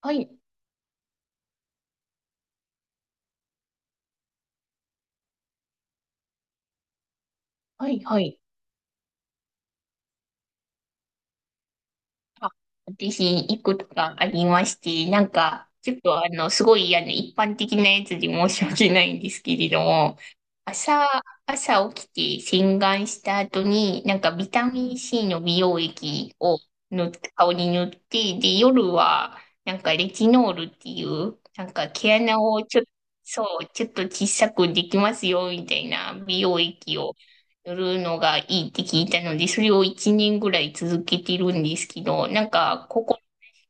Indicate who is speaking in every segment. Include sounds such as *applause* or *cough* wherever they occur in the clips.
Speaker 1: はい、はい、はい。あ、私、いくつかありまして、なんか、ちょっとすごい、一般的なやつで申し訳ないんですけれども、朝、朝起きて洗顔した後に、なんかビタミン C の美容液を塗って、顔に塗って、で、夜は、なんかレチノールっていう、なんか毛穴をちょっと、そう、ちょっと小さくできますよ、みたいな美容液をするのがいいって聞いたので、それを1年ぐらい続けてるんですけど、なんか、ここ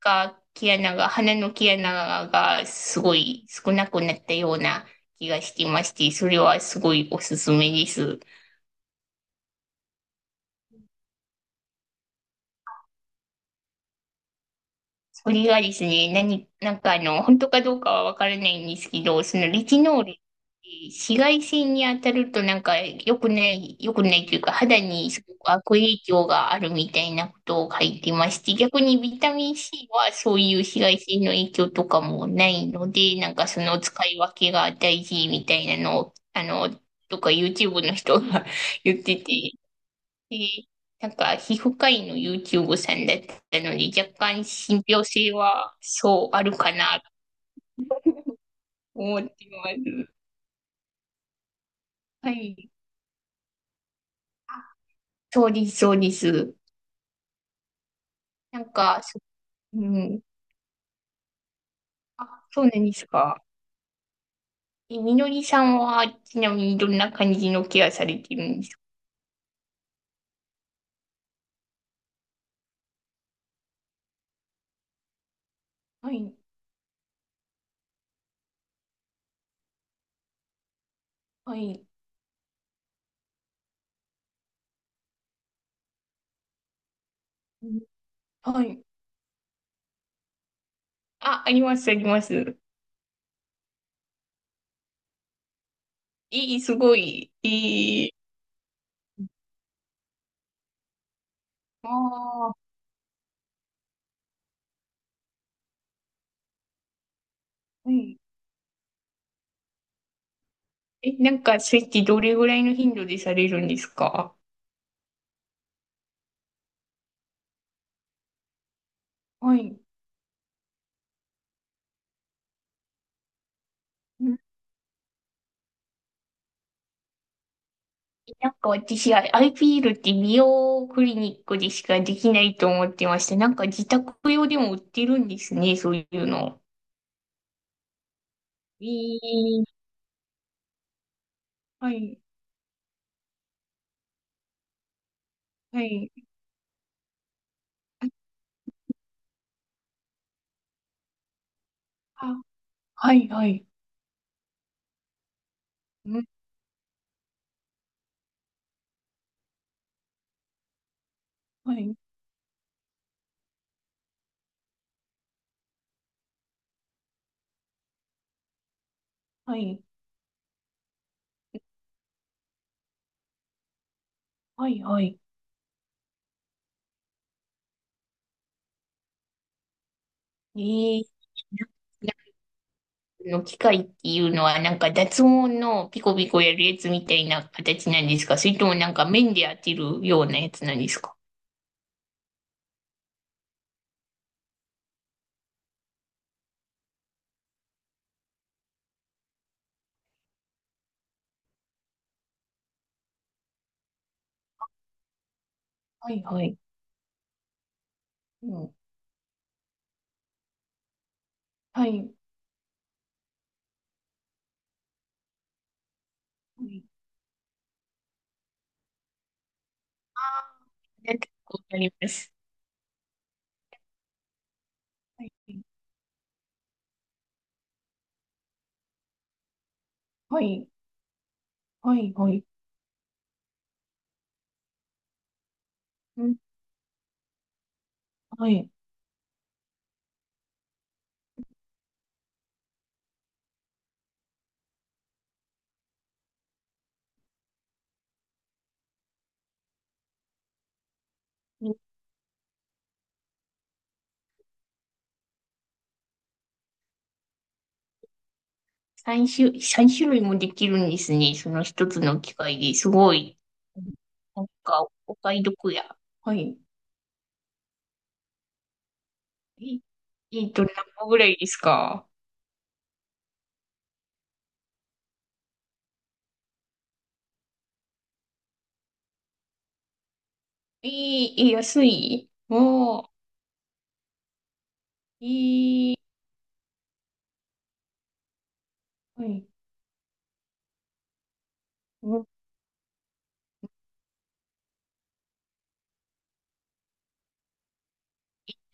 Speaker 1: が毛穴が、鼻の毛穴がすごい少なくなったような気がしてまして、それはすごいおすすめです。それがですね、なんか本当かどうかはわからないんですけど、そのレチノール、紫外線に当たるとなんか良くない、良くないというか、肌にすごく悪影響があるみたいなことを書いてまして、逆にビタミン C はそういう紫外線の影響とかもないので、なんかその使い分けが大事みたいなのを、とか YouTube の人が *laughs* 言ってて、で、なんか、皮膚科医の YouTube さんだったので、若干信憑性は、そう、あるかな、と思ってます。はい。そうです、そうです。なんか、そうん。あ、そうなんですか。え、みのりさんは、ちなみにどんな感じのケアされてるんですか？はい、はい、うんはい。あ、あります、あります。いいすごい。いい。ああ、はい。え、なんか、それってどれぐらいの頻度でされるんですか？はい。なんか私は IPL って美容クリニックでしかできないと思ってました。なんか自宅用でも売ってるんですね、そういうの。えー、はい、はい。あ、はい、はい。うん、はい、はい、はい、はい。えー、なんかの機械っていうのはなんか脱毛のピコピコやるやつみたいな形なんですか？それともなんか面で当てるようなやつなんですか？はい、はい。うん、はい。はい。あー、なんかわかります。はい、はい、はい、はい。うん、はい。3種、三種類もできるんですね。その一つの機械ですごい。なんか、お買い得や。はい。え、えっと、何個ぐらいですか？えー、え、安いおー、えー、はい。うん。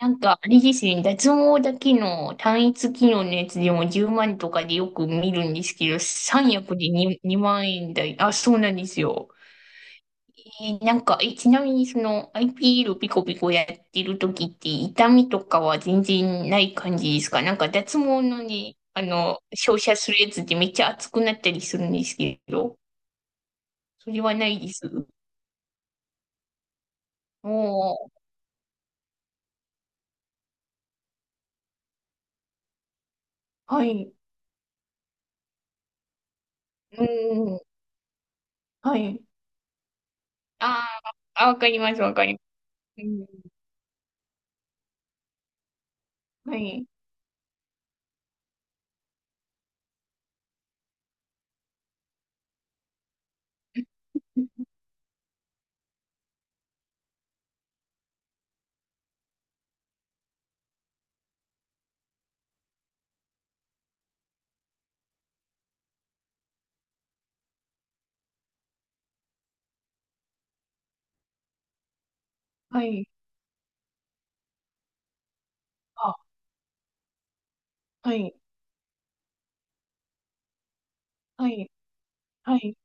Speaker 1: なんか、あれですね、脱毛だけの単一機能のやつでも10万とかでよく見るんですけど、3役で 2万円台。あ、そうなんですよ。えー、なんか、え、ちなみにその IPL ピーエルピコピコやってる時って痛みとかは全然ない感じですか？なんか脱毛のね、照射するやつってめっちゃ熱くなったりするんですけど、それはないです。おー、はい。うん、はい。あー、あわかります、わかります。うん、はい。はい。あ、はい。はい。はい。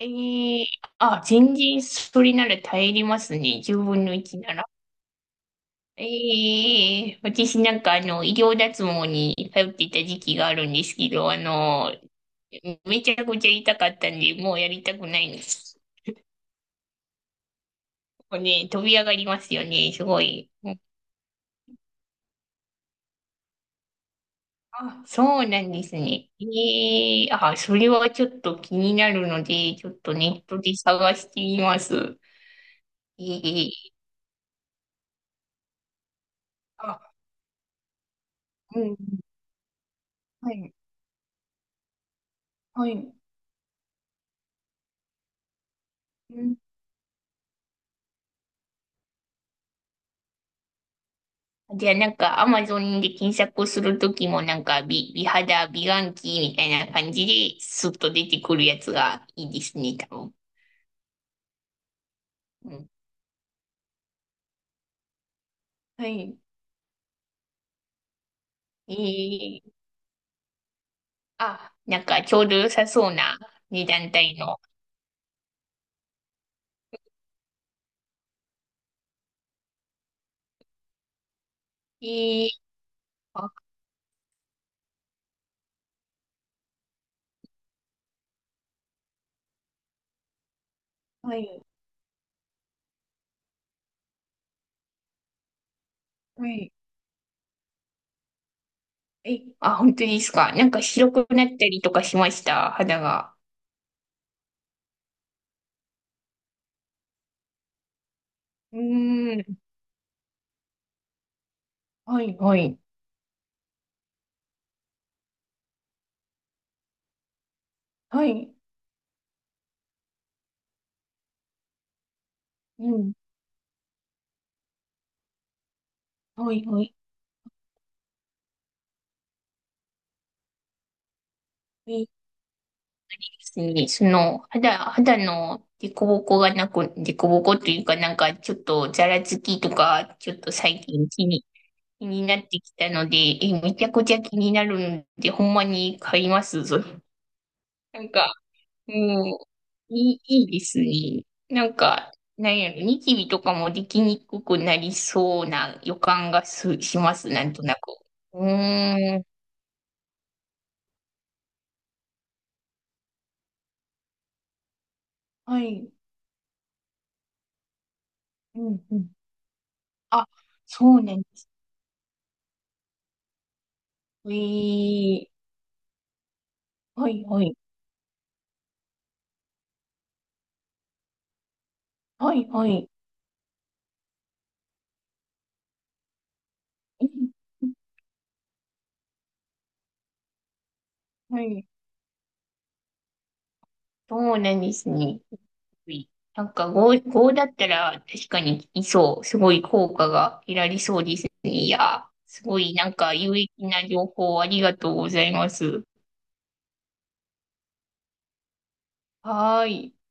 Speaker 1: えー、あ、全然それなら耐えれますね。10分の1なら。ええ、私なんか医療脱毛に通っていた時期があるんですけど、めちゃくちゃ痛かったんで、もうやりたくないんです。もうね、飛び上がりますよね、すごい。あ、そうなんですね。ええ、あ、それはちょっと気になるので、ちょっとネットで探してみます。ええ、あ、うん、はい、はい。うん。じゃあ、なんかアマゾンで検索するときもなんか美肌、美顔器みたいな感じですっと出てくるやつがいいですね、多分。うん。はい。えー、あ、なんかちょうど良さそうな値段帯の。えー、あ、はい、はい。え、あ、本当ですか。なんか白くなったりとかしました、肌が。うーん。はい、はい。はい。うん。はい、はい。えその、肌の凸凹がなく、凸凹というか、なんか、ちょっと、ざらつきとか、ちょっと最近気になってきたので、え、めちゃくちゃ気になるので、ほんまに買いますぞ。なんか、もう、いいですね。なんか、なんやろ、ニキビとかもできにくくなりそうな予感がします、なんとなく。うーん、はい、うん、うん。あ、そうね。えー、はい、はい。はい、はい。はい。そうなんですね。なんか5だったら確かにいそう。すごい効果が得られそうですね。いや、すごいなんか有益な情報ありがとうございます。はーい。